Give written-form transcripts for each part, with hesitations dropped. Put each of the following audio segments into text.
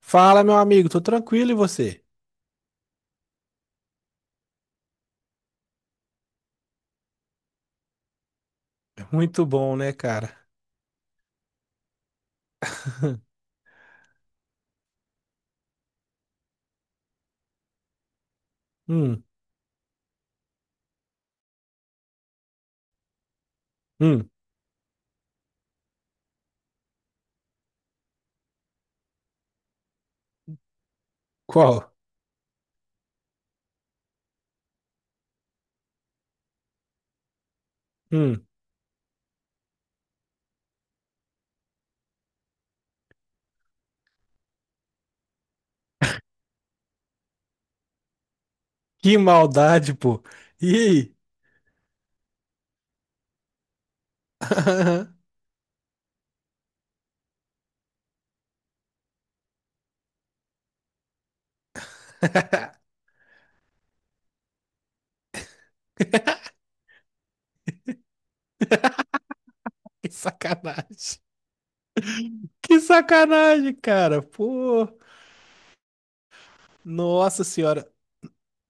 Fala, meu amigo, tô tranquilo e você? Muito bom, né, cara? Hum, hum, qual? Hum, que maldade, pô. E aí? Que sacanagem. Que sacanagem, cara. Pô, nossa senhora.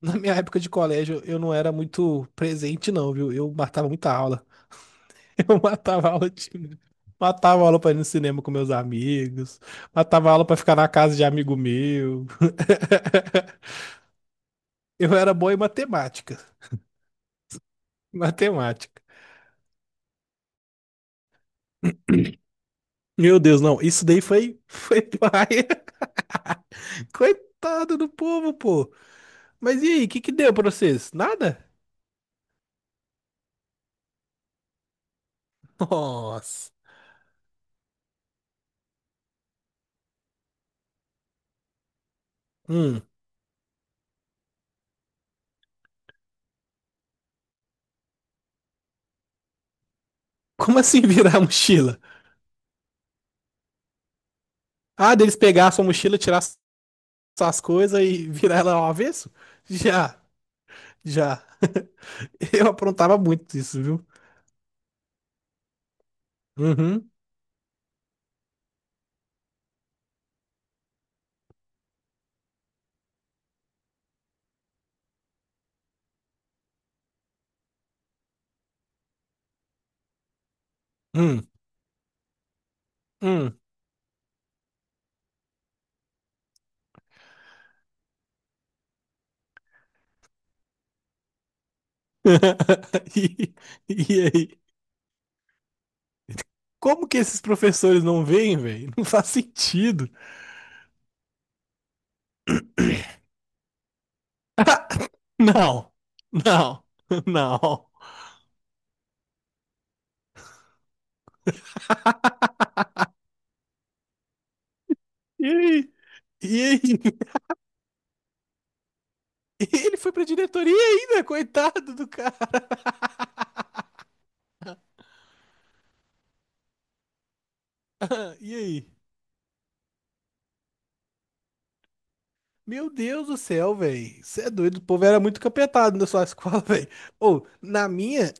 Na minha época de colégio, eu não era muito presente, não, viu? Eu matava muita aula. Eu matava aula de... Matava aula pra ir no cinema com meus amigos. Matava aula pra ficar na casa de amigo meu. Eu era bom em matemática. Matemática. Meu Deus, não. Isso daí foi paia. Coitado do povo, pô. Mas e aí, o que deu pra vocês? Nada? Nossa. Hum. Como assim virar a mochila? Ah, deles pegar a sua mochila, tirar suas coisas e virar ela ao avesso? Já, já. Eu aprontava muito isso, viu? Uhum. Hum. Hum. E, e aí? Como que esses professores não veem, velho? Não faz sentido. Não, não, não. E aí? E aí? Ele foi pra diretoria ainda, coitado do cara. E aí? Meu Deus do céu, velho. Você é doido. O povo era muito capetado na sua escola, velho. Ou,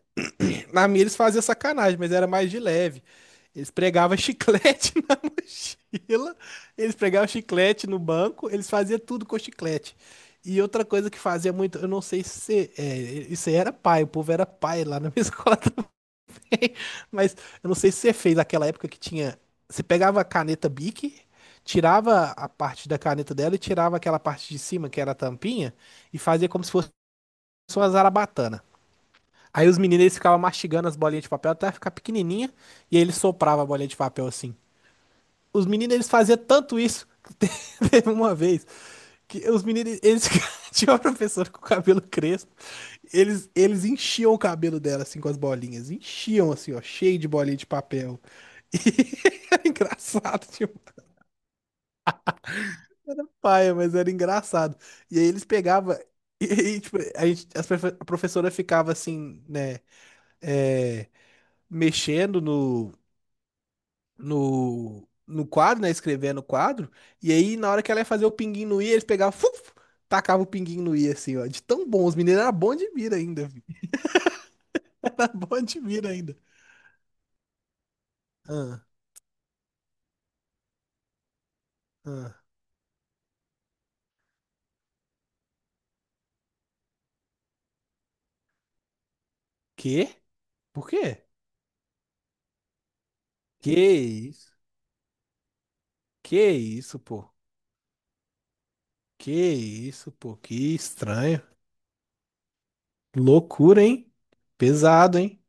na minha eles faziam sacanagem, mas era mais de leve. Eles pregavam chiclete na mochila, eles pregavam chiclete no banco, eles faziam tudo com chiclete. E outra coisa que fazia muito, eu não sei se é, isso aí era pai, o povo era pai lá na minha escola. Mas eu não sei se você fez aquela época que tinha. Você pegava a caneta Bic, tirava a parte da caneta dela e tirava aquela parte de cima, que era a tampinha, e fazia como se fosse uma zarabatana. Aí os meninos eles ficavam mastigando as bolinhas de papel até ficar pequenininha, e aí eles sopravam a bolinha de papel assim. Os meninos eles faziam tanto isso. Teve uma vez que os meninos, eles tinham uma professora com o cabelo crespo, eles enchiam o cabelo dela, assim, com as bolinhas, enchiam, assim, ó, cheio de bolinha de papel. E era engraçado, tipo, paia, mas era engraçado. E aí eles pegavam, e, tipo, a gente, as profe- a professora ficava, assim, né, é, mexendo no quadro, né, escrevendo o quadro, e aí na hora que ela ia fazer o pinguinho no i, eles pegavam, fuf, tacava o pinguinho no i, assim, ó, de tão bom, os meninos eram bons de mira ainda. Pode vir ainda. Ah, ah. Quê? Por quê? Que isso? Que isso, pô? Que isso, pô? Que estranho. Loucura, hein? Pesado, hein?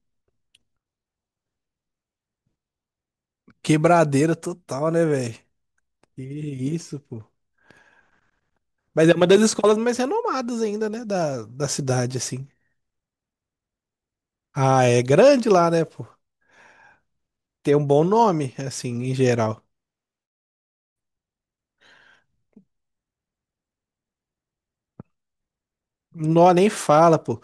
Quebradeira total, né, velho? Que isso, pô. Mas é uma das escolas mais renomadas ainda, né, da cidade, assim. Ah, é grande lá, né, pô? Tem um bom nome, assim, em geral. Nó nem fala, pô.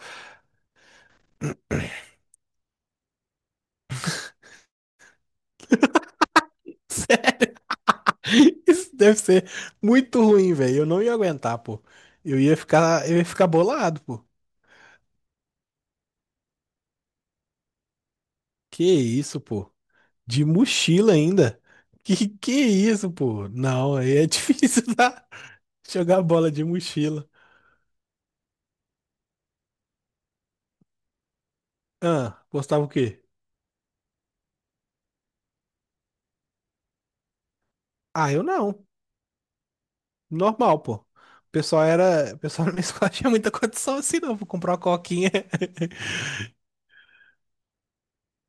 Isso deve ser muito ruim, velho. Eu não ia aguentar, pô. Eu ia ficar bolado, pô. Que isso, pô? De mochila ainda? Que isso, pô? Não, aí é difícil tá? Jogar bola de mochila. Ah, gostava o quê? Ah, eu não. Normal, pô. O pessoal na minha escola tinha muita condição assim, não. Vou comprar uma coquinha.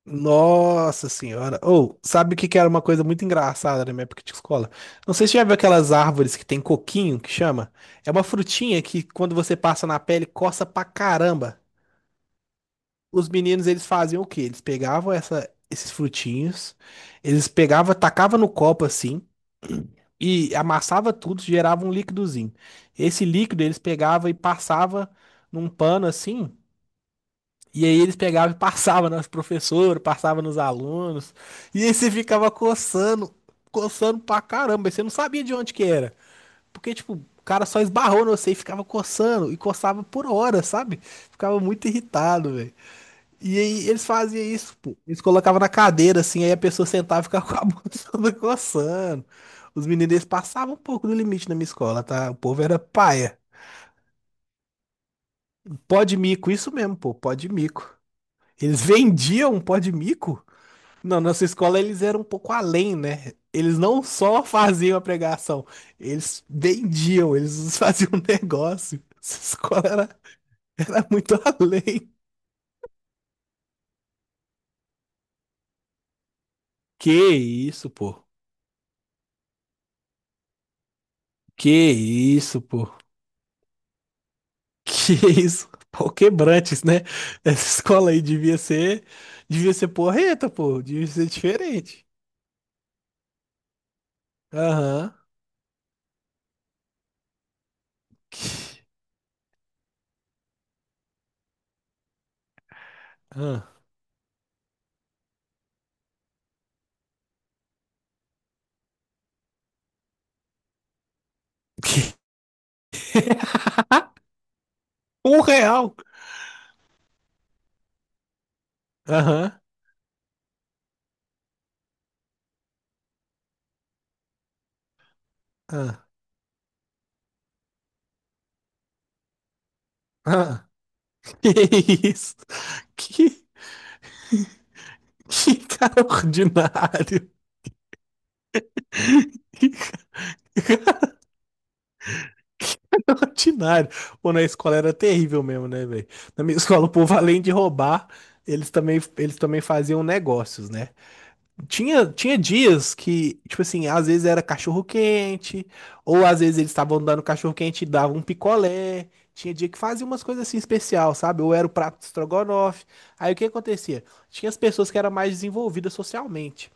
Nossa senhora. Ou, sabe o que era uma coisa muito engraçada na minha época de escola? Não sei se você já viu aquelas árvores que tem coquinho, que chama. É uma frutinha que quando você passa na pele coça pra caramba. Os meninos, eles faziam o quê? Eles pegavam esses frutinhos, eles pegavam, tacavam no copo assim e amassava tudo, gerava um líquidozinho. Esse líquido eles pegavam e passava num pano assim. E aí eles pegavam e passavam nas professoras, passavam nos alunos. E aí você ficava coçando, coçando pra caramba. E você não sabia de onde que era. Porque, tipo, o cara só esbarrou no você e ficava coçando. E coçava por horas, sabe? Ficava muito irritado, velho. E aí eles faziam isso, pô. Eles colocavam na cadeira, assim, aí a pessoa sentava e ficava com a mão toda coçando. Os meninos eles passavam um pouco do limite na minha escola, tá? O povo era paia. Pó de mico, isso mesmo, pô, pó de mico. Eles vendiam um pó de mico? Não, nossa escola eles eram um pouco além, né? Eles não só faziam a pregação, eles vendiam, eles faziam um negócio. Essa escola era, era muito além. Que isso, pô? Que isso, pô? Que isso? Pau quebrantes, né? Essa escola aí devia ser porreta, pô. Devia ser diferente. Aham. Que- ah. Que- Um real. Aham. Ah. Ah. Que isso? Que que cara ordinário. Que cara ordinário. Pô, na escola era terrível mesmo, né, velho? Na minha escola, o povo, além de roubar, eles também faziam negócios, né? Tinha dias que, tipo assim, às vezes era cachorro-quente, ou às vezes eles estavam dando cachorro-quente e davam um picolé. Tinha dia que fazia umas coisas assim especial, sabe? Ou era o prato de estrogonofe. Aí o que acontecia? Tinha as pessoas que eram mais desenvolvidas socialmente.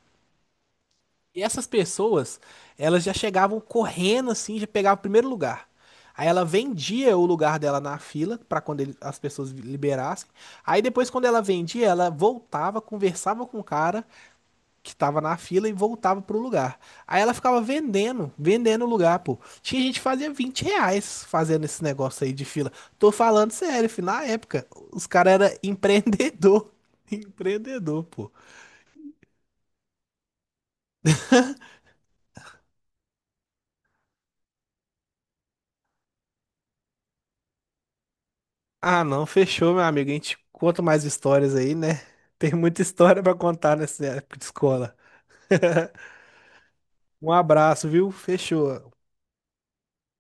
E essas pessoas, elas já chegavam correndo assim, já pegavam o primeiro lugar. Aí ela vendia o lugar dela na fila para quando ele- as pessoas liberassem. Aí depois, quando ela vendia, ela voltava, conversava com o cara que tava na fila e voltava pro lugar. Aí ela ficava vendendo, vendendo o lugar, pô. Tinha gente que fazia 20 reais fazendo esse negócio aí de fila. Tô falando sério, filho. Na época, os caras eram empreendedor. Empreendedor, pô. Ah, não, fechou, meu amigo. A gente conta mais histórias aí, né? Tem muita história pra contar nessa época de escola. Um abraço, viu? Fechou.